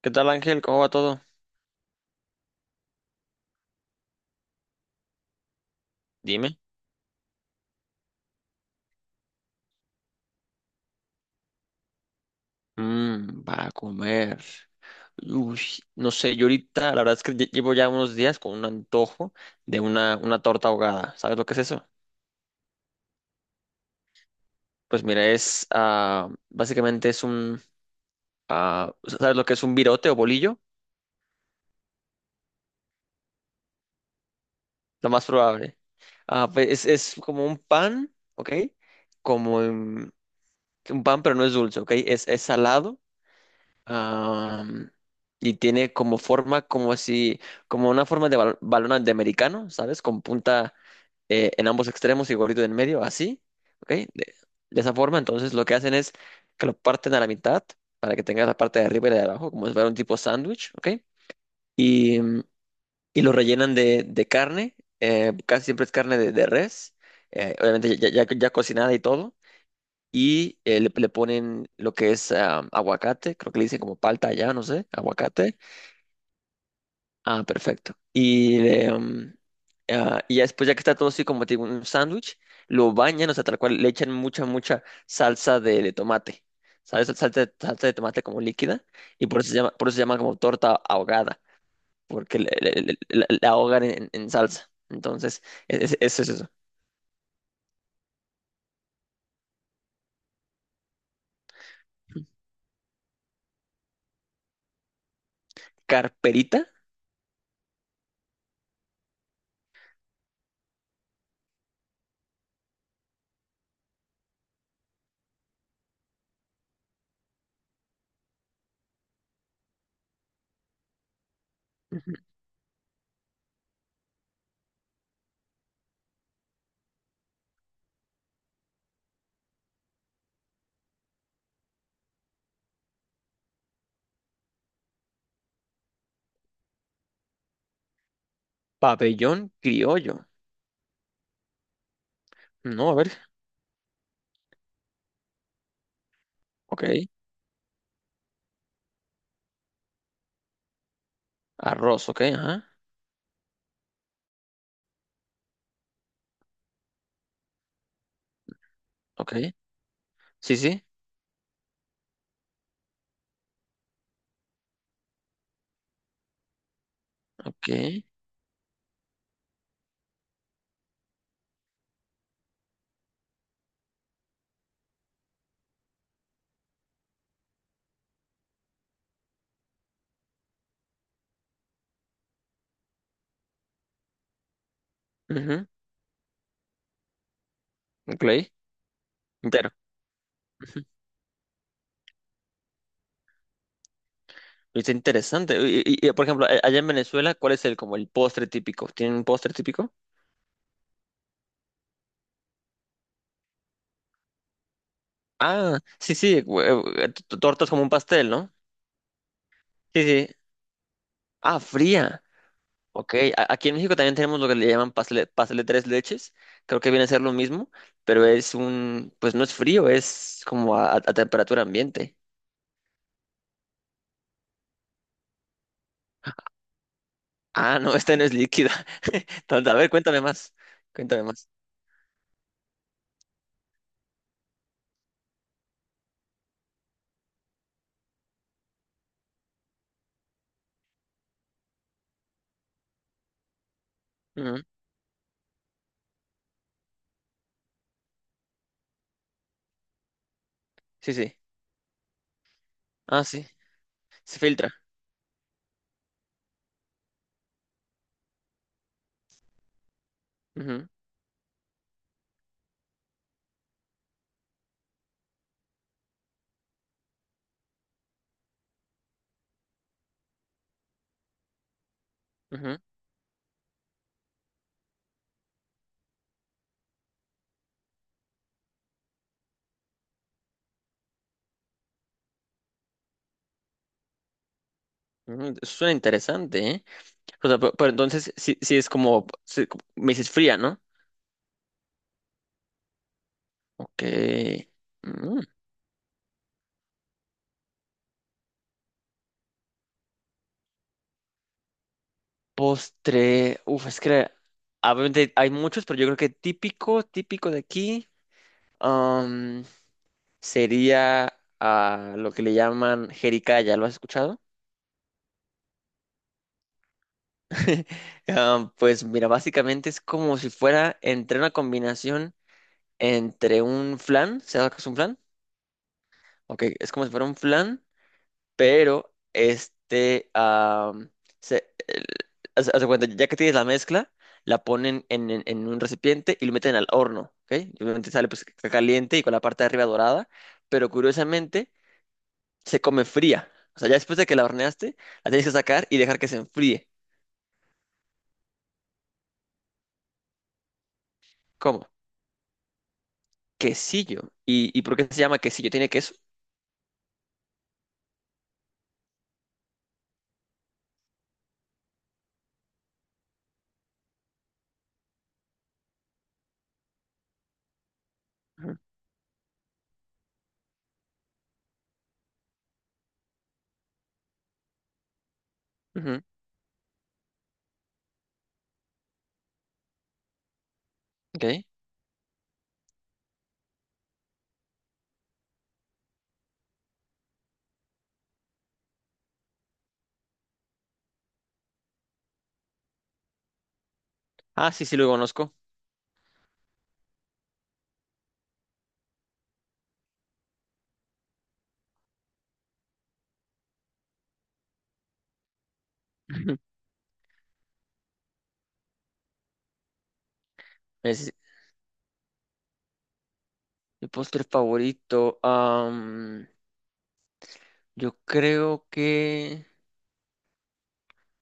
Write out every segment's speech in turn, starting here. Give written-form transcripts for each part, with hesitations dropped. ¿Qué tal, Ángel? ¿Cómo va todo? Dime. Para comer. Uy, no sé, yo ahorita, la verdad es que llevo ya unos días con un antojo de una torta ahogada. ¿Sabes lo que es eso? Pues mira, básicamente es un, ¿sabes lo que es un virote o bolillo? Lo más probable. Ah, pues es, es como un pan, ¿ok? Como un pan, pero no es dulce, ¿ok? Es salado. Am, y tiene como forma, como si, como una forma de balón de americano, ¿sabes? Con punta en ambos extremos y gorrito en medio, así, ¿ok? De esa forma, entonces lo que hacen es que lo parten a la mitad para que tengas la parte de arriba y la de abajo, como si fuera un tipo sándwich, ¿ok? Y, mm, y lo rellenan de carne, casi siempre es carne de res, obviamente ya cocinada y todo y le ponen lo que es aguacate, creo que le dicen como palta allá, no sé, aguacate. Ah, perfecto. Y ya después, ya que está todo así como tipo un sándwich, lo bañan, o sea, tal cual, le echan mucha salsa de tomate. ¿Sabes? Salsa de tomate como líquida. Y por eso se llama, por eso se llama como torta ahogada, porque la ahogan en salsa. Entonces, eso es eso. Carperita, ujú, pabellón criollo. No, a ver, ok. Arroz, ok, ajá, ok. Sí, sí, ok. Ujú, ok, entero. Ujú. Está interesante. Y, por ejemplo, allá en Venezuela, ¿cuál es el como el postre típico? ¿Tienen un postre típico? Ah, sí, sí, tortas como un pastel, ¿no? Sí, sí. Ah, fría. Ok, aquí en México también tenemos lo que le llaman pastel, pastel de tres leches. Creo que viene a ser lo mismo, pero es un, pues no es frío, es como a temperatura ambiente. Ah, no, esta no es líquida. Entonces, a ver, cuéntame más. Cuéntame más. Ujú, sí, sí. Ah, sí. Se filtra. Ujú, ujú, ujú, suena interesante, ¿eh? O sea, pero, entonces sí, sí es como, sí, como me dices fría, ¿no? Ok. Mm. Postre. Uf, es que obviamente hay muchos, pero yo creo que típico, típico de aquí, am, sería lo que le llaman jericaya. ¿Lo has escuchado? Pues mira, básicamente es como si fuera entre una combinación entre un flan, ¿sabes lo que es un flan? Ok, es como si fuera un flan, pero se, el- haz de cuenta, ya que tienes la mezcla, la ponen en un recipiente y lo meten al horno, ¿ok? Y obviamente sale pues caliente y con la parte de arriba dorada, pero curiosamente se come fría. O sea, ya después de que la horneaste, la tienes que sacar y dejar que se enfríe. ¿Cómo? Quesillo. Y por qué se llama quesillo? ¿Tiene queso? Ujú, ujú, ok. Ah, sí, sí, lo conozco. Es mi postre favorito. Yo creo que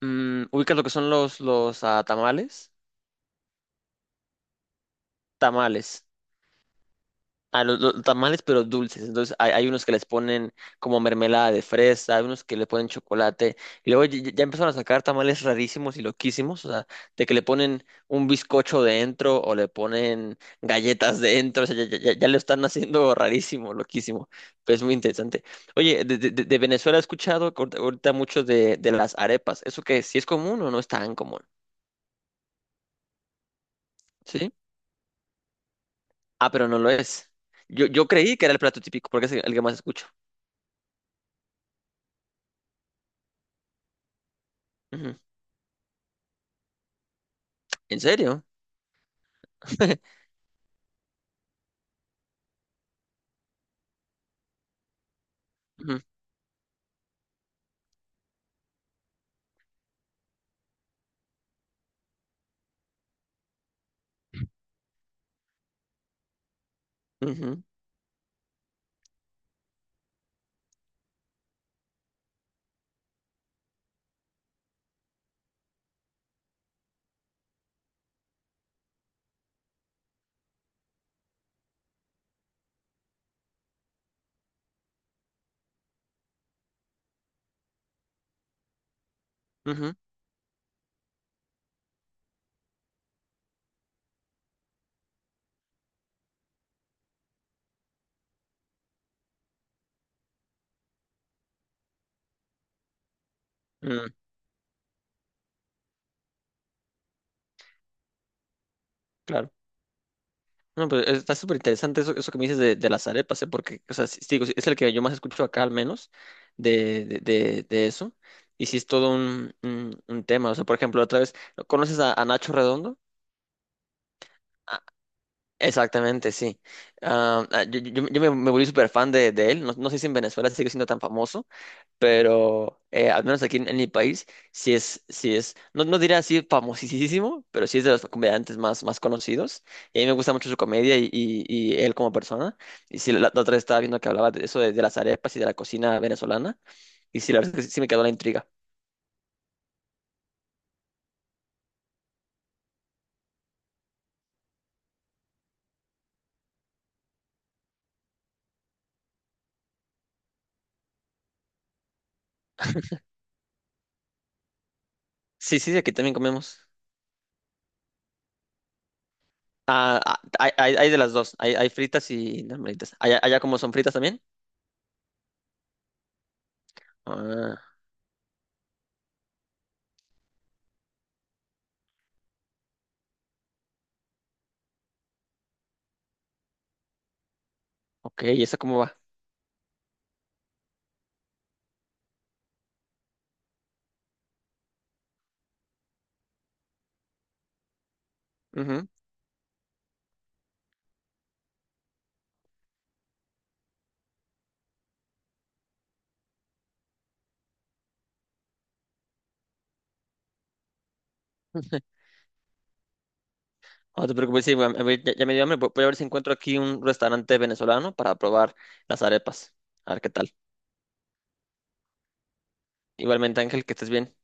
ubicas lo que son los, tamales. Tamales. Ah, los tamales, pero dulces. Entonces hay unos que les ponen como mermelada de fresa, hay unos que le ponen chocolate. Y luego ya, ya empezaron a sacar tamales rarísimos y loquísimos. O sea, de que le ponen un bizcocho dentro o le ponen galletas dentro. O sea, ya lo están haciendo rarísimo, loquísimo. Pero es muy interesante. Oye, de Venezuela he escuchado ahorita ahorita mucho de las arepas. ¿Eso qué? ¿Sí es común o no es tan común? Sí. Ah, pero no lo es. Yo creí que era el plato típico porque es el que más escucho. Ujú. ¿En serio? Ujú, ujú, ujú, mm, claro. No, pues está súper interesante eso, eso que me dices de las arepas, ¿eh? Porque, o sea, sí, sí, digo, sí, es el que yo más escucho acá al menos de eso. Y sí es todo un tema. O sea, por ejemplo, otra vez, ¿conoces a Nacho Redondo? Ah, exactamente, sí. Ah, ah, yo, yo me, me volví súper fan de él. No, no sé si en Venezuela sigue siendo tan famoso. Pero al menos aquí en mi país, sí es, no, no diría así famosísimo, pero sí es de los comediantes más, más conocidos. Y a mí me gusta mucho su comedia y, y él como persona. Y sí, la otra vez estaba viendo que hablaba de eso, de las arepas y de la cocina venezolana. Y sí, la verdad es que sí sí me quedó la intriga. Sí, sí, aquí también comemos. Ah, ah, hay de las dos, hay fritas y normalitas. ¿Allá, allá como son fritas también? Ah, ok, ¿y eso cómo va? Ujú. No te preocupes, sí, a mí ya, ya me dio hambre. Voy a ver si encuentro aquí un restaurante venezolano para probar las arepas. A ver qué tal. Igualmente, Ángel, que estés bien.